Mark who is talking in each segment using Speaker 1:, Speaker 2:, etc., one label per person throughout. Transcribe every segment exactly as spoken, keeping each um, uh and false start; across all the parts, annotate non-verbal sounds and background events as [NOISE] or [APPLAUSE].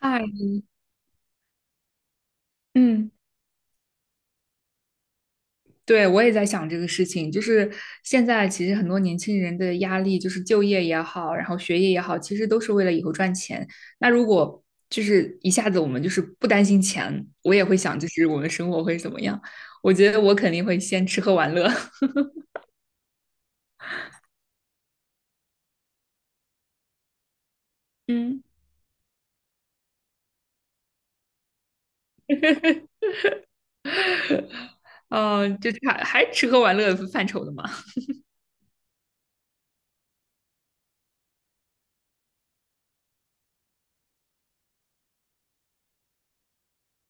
Speaker 1: 嗨，嗯，对，我也在想这个事情，就是现在其实很多年轻人的压力，就是就业也好，然后学业也好，其实都是为了以后赚钱。那如果就是一下子我们就是不担心钱，我也会想，就是我们生活会怎么样？我觉得我肯定会先吃喝玩乐，[LAUGHS] 嗯 [LAUGHS] 哦，就是还还吃喝玩乐范畴的嘛。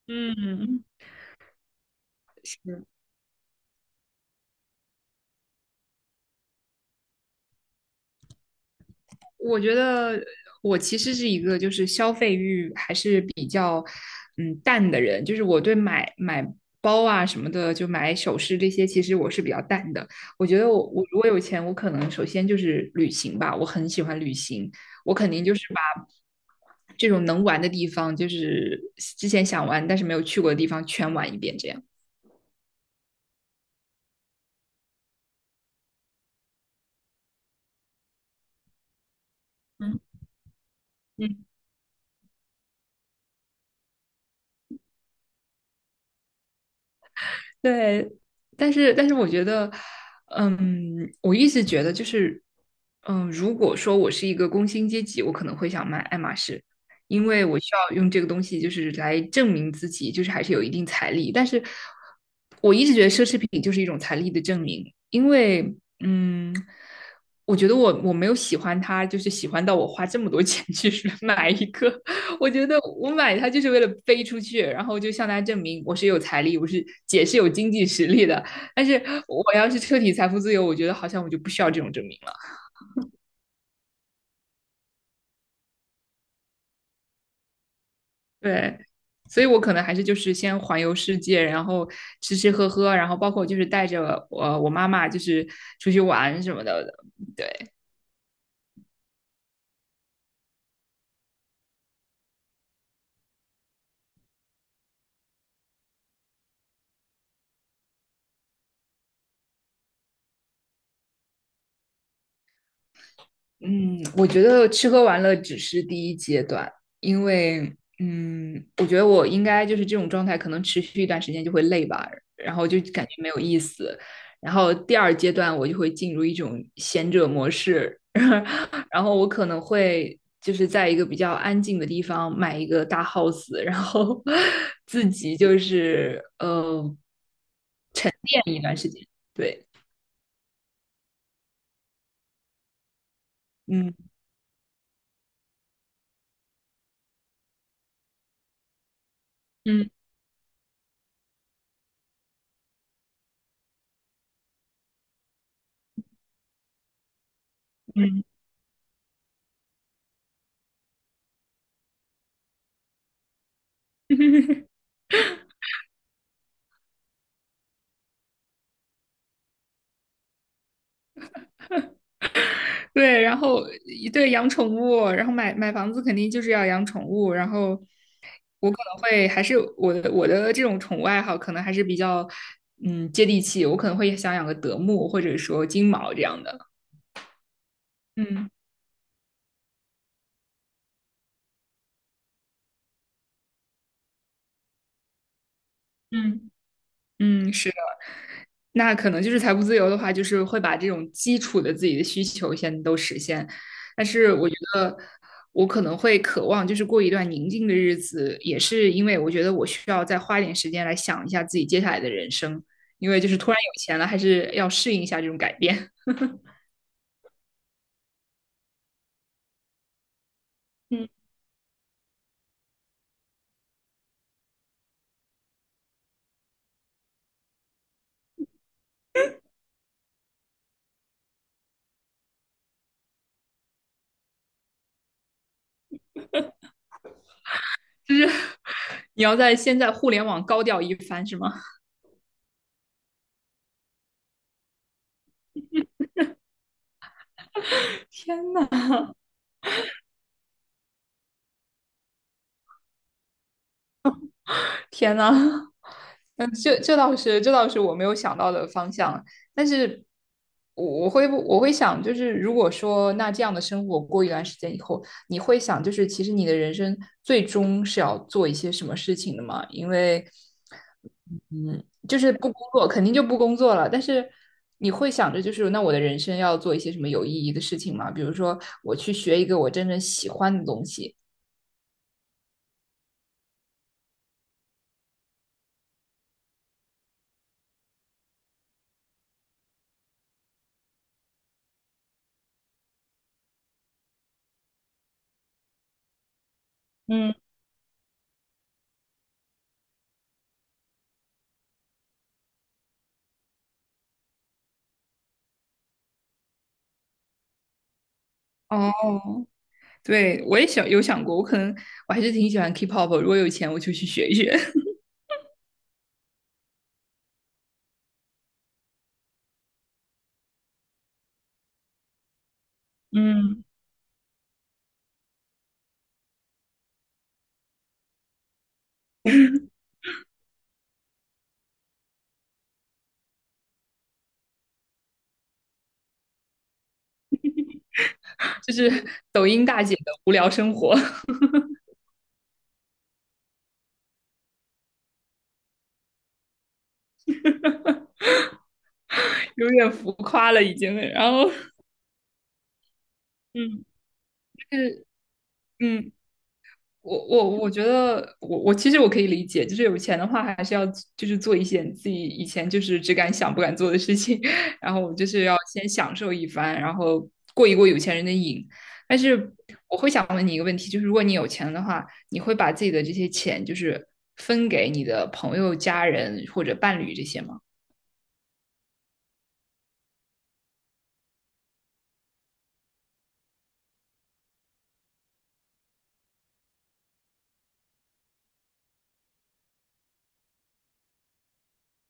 Speaker 1: 嗯，[LAUGHS] 是我觉得我其实是一个就是消费欲还是比较嗯淡的人，就是我对买买包啊什么的，就买首饰这些，其实我是比较淡的。我觉得我我如果有钱，我可能首先就是旅行吧，我很喜欢旅行，我肯定就是把这种能玩的地方，就是之前想玩但是没有去过的地方全玩一遍，这样。嗯。嗯，对，但是但是我觉得，嗯，我一直觉得就是，嗯，如果说我是一个工薪阶级，我可能会想买爱马仕，因为我需要用这个东西就是来证明自己，就是还是有一定财力。但是我一直觉得奢侈品就是一种财力的证明，因为，嗯，我觉得我我没有喜欢它，就是喜欢到我花这么多钱去 [LAUGHS] 买一个我觉得我买它就是为了飞出去，然后就向大家证明我是有财力，我是姐是有经济实力的。但是我要是彻底财富自由，我觉得好像我就不需要这种证明了。对，所以我可能还是就是先环游世界，然后吃吃喝喝，然后包括就是带着我我妈妈就是出去玩什么的。对，嗯，我觉得吃喝玩乐只是第一阶段，因为嗯，我觉得我应该就是这种状态，可能持续一段时间就会累吧，然后就感觉没有意思。然后第二阶段我就会进入一种闲者模式，[LAUGHS] 然后我可能会就是在一个比较安静的地方买一个大 house，然后 [LAUGHS] 自己就是呃变一段时间。对，嗯。嗯。嗯。[LAUGHS] 对，然后对养宠物，然后买买房子肯定就是要养宠物，然后我可能会还是我的我的这种宠物爱好可能还是比较嗯接地气，我可能会想养个德牧或者说金毛这样的，嗯。嗯。嗯，是的，那可能就是财务自由的话，就是会把这种基础的自己的需求先都实现。但是我觉得我可能会渴望就是过一段宁静的日子，也是因为我觉得我需要再花一点时间来想一下自己接下来的人生，因为就是突然有钱了，还是要适应一下这种改变 [LAUGHS]。嗯，就是 [LAUGHS] 你要在现在互联网高调一番，是吗？天呐，天呐，嗯，这这倒是，这倒是我没有想到的方向。但是我，我会我会想，就是如果说那这样的生活过一段时间以后，你会想，就是其实你的人生最终是要做一些什么事情的嘛？因为，嗯，就是不工作肯定就不工作了，但是你会想着，就是那我的人生要做一些什么有意义的事情嘛？比如说，我去学一个我真正喜欢的东西。嗯，哦，对，我也想有想过，我可能我还是挺喜欢 K-pop，如果有钱我就去学一学，[LAUGHS] 嗯，就是抖音大姐的无聊生活，[LAUGHS] 有点浮夸了已经。然后嗯就是嗯，我我我觉得我我其实我可以理解，就是有钱的话还是要就是做一些自己以前就是只敢想不敢做的事情，[LAUGHS] 然后就是要先享受一番，然后过一过有钱人的瘾。但是我会想问你一个问题，就是如果你有钱的话，你会把自己的这些钱就是分给你的朋友、家人或者伴侣这些吗？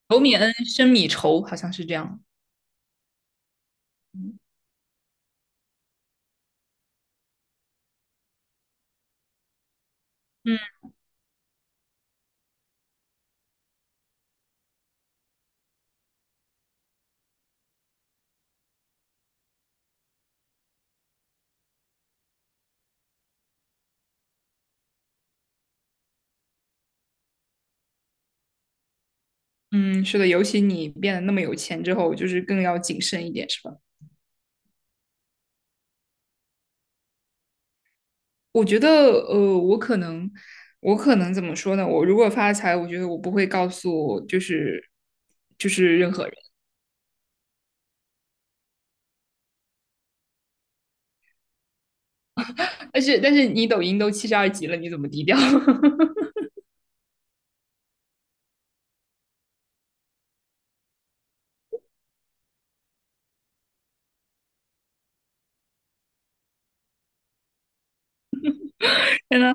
Speaker 1: 仇米恩，深米仇，好像是这样。嗯。嗯，是的，尤其你变得那么有钱之后，就是更要谨慎一点，是吧？我觉得，呃，我可能，我可能怎么说呢？我如果发财，我觉得我不会告诉，就是就是任何人。但是但是你抖音都七十二级了，你怎么低调？[LAUGHS] 真的，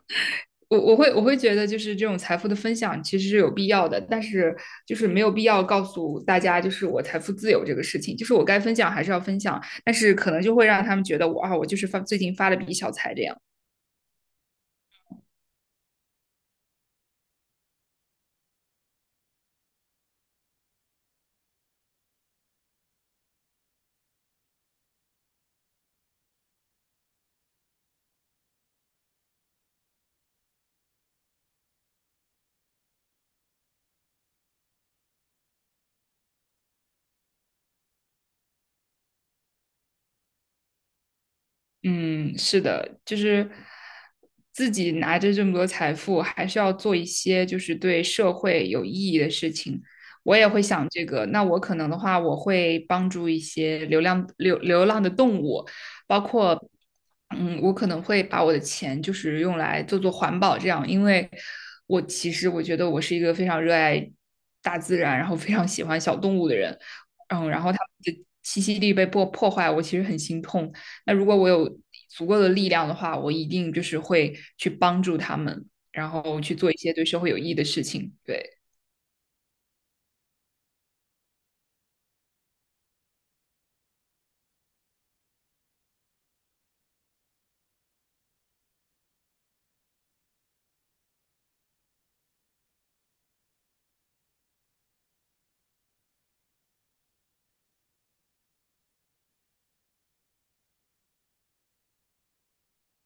Speaker 1: 我我会我会觉得，就是这种财富的分享其实是有必要的，但是就是没有必要告诉大家，就是我财富自由这个事情，就是我该分享还是要分享，但是可能就会让他们觉得我啊，我就是发最近发了笔小财这样。嗯，是的，就是自己拿着这么多财富，还是要做一些就是对社会有意义的事情。我也会想这个，那我可能的话，我会帮助一些流浪流流浪的动物，包括，嗯，我可能会把我的钱就是用来做做环保这样，因为我其实我觉得我是一个非常热爱大自然，然后非常喜欢小动物的人，嗯，然后他们的栖息地被破破坏，我其实很心痛。那如果我有足够的力量的话，我一定就是会去帮助他们，然后去做一些对社会有益的事情。对，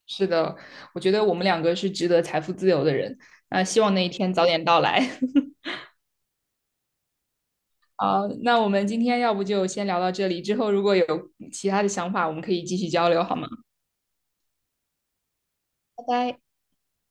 Speaker 1: 是的，我觉得我们两个是值得财富自由的人。那希望那一天早点到来。[LAUGHS] 好，那我们今天要不就先聊到这里，之后如果有其他的想法，我们可以继续交流，好吗？拜拜。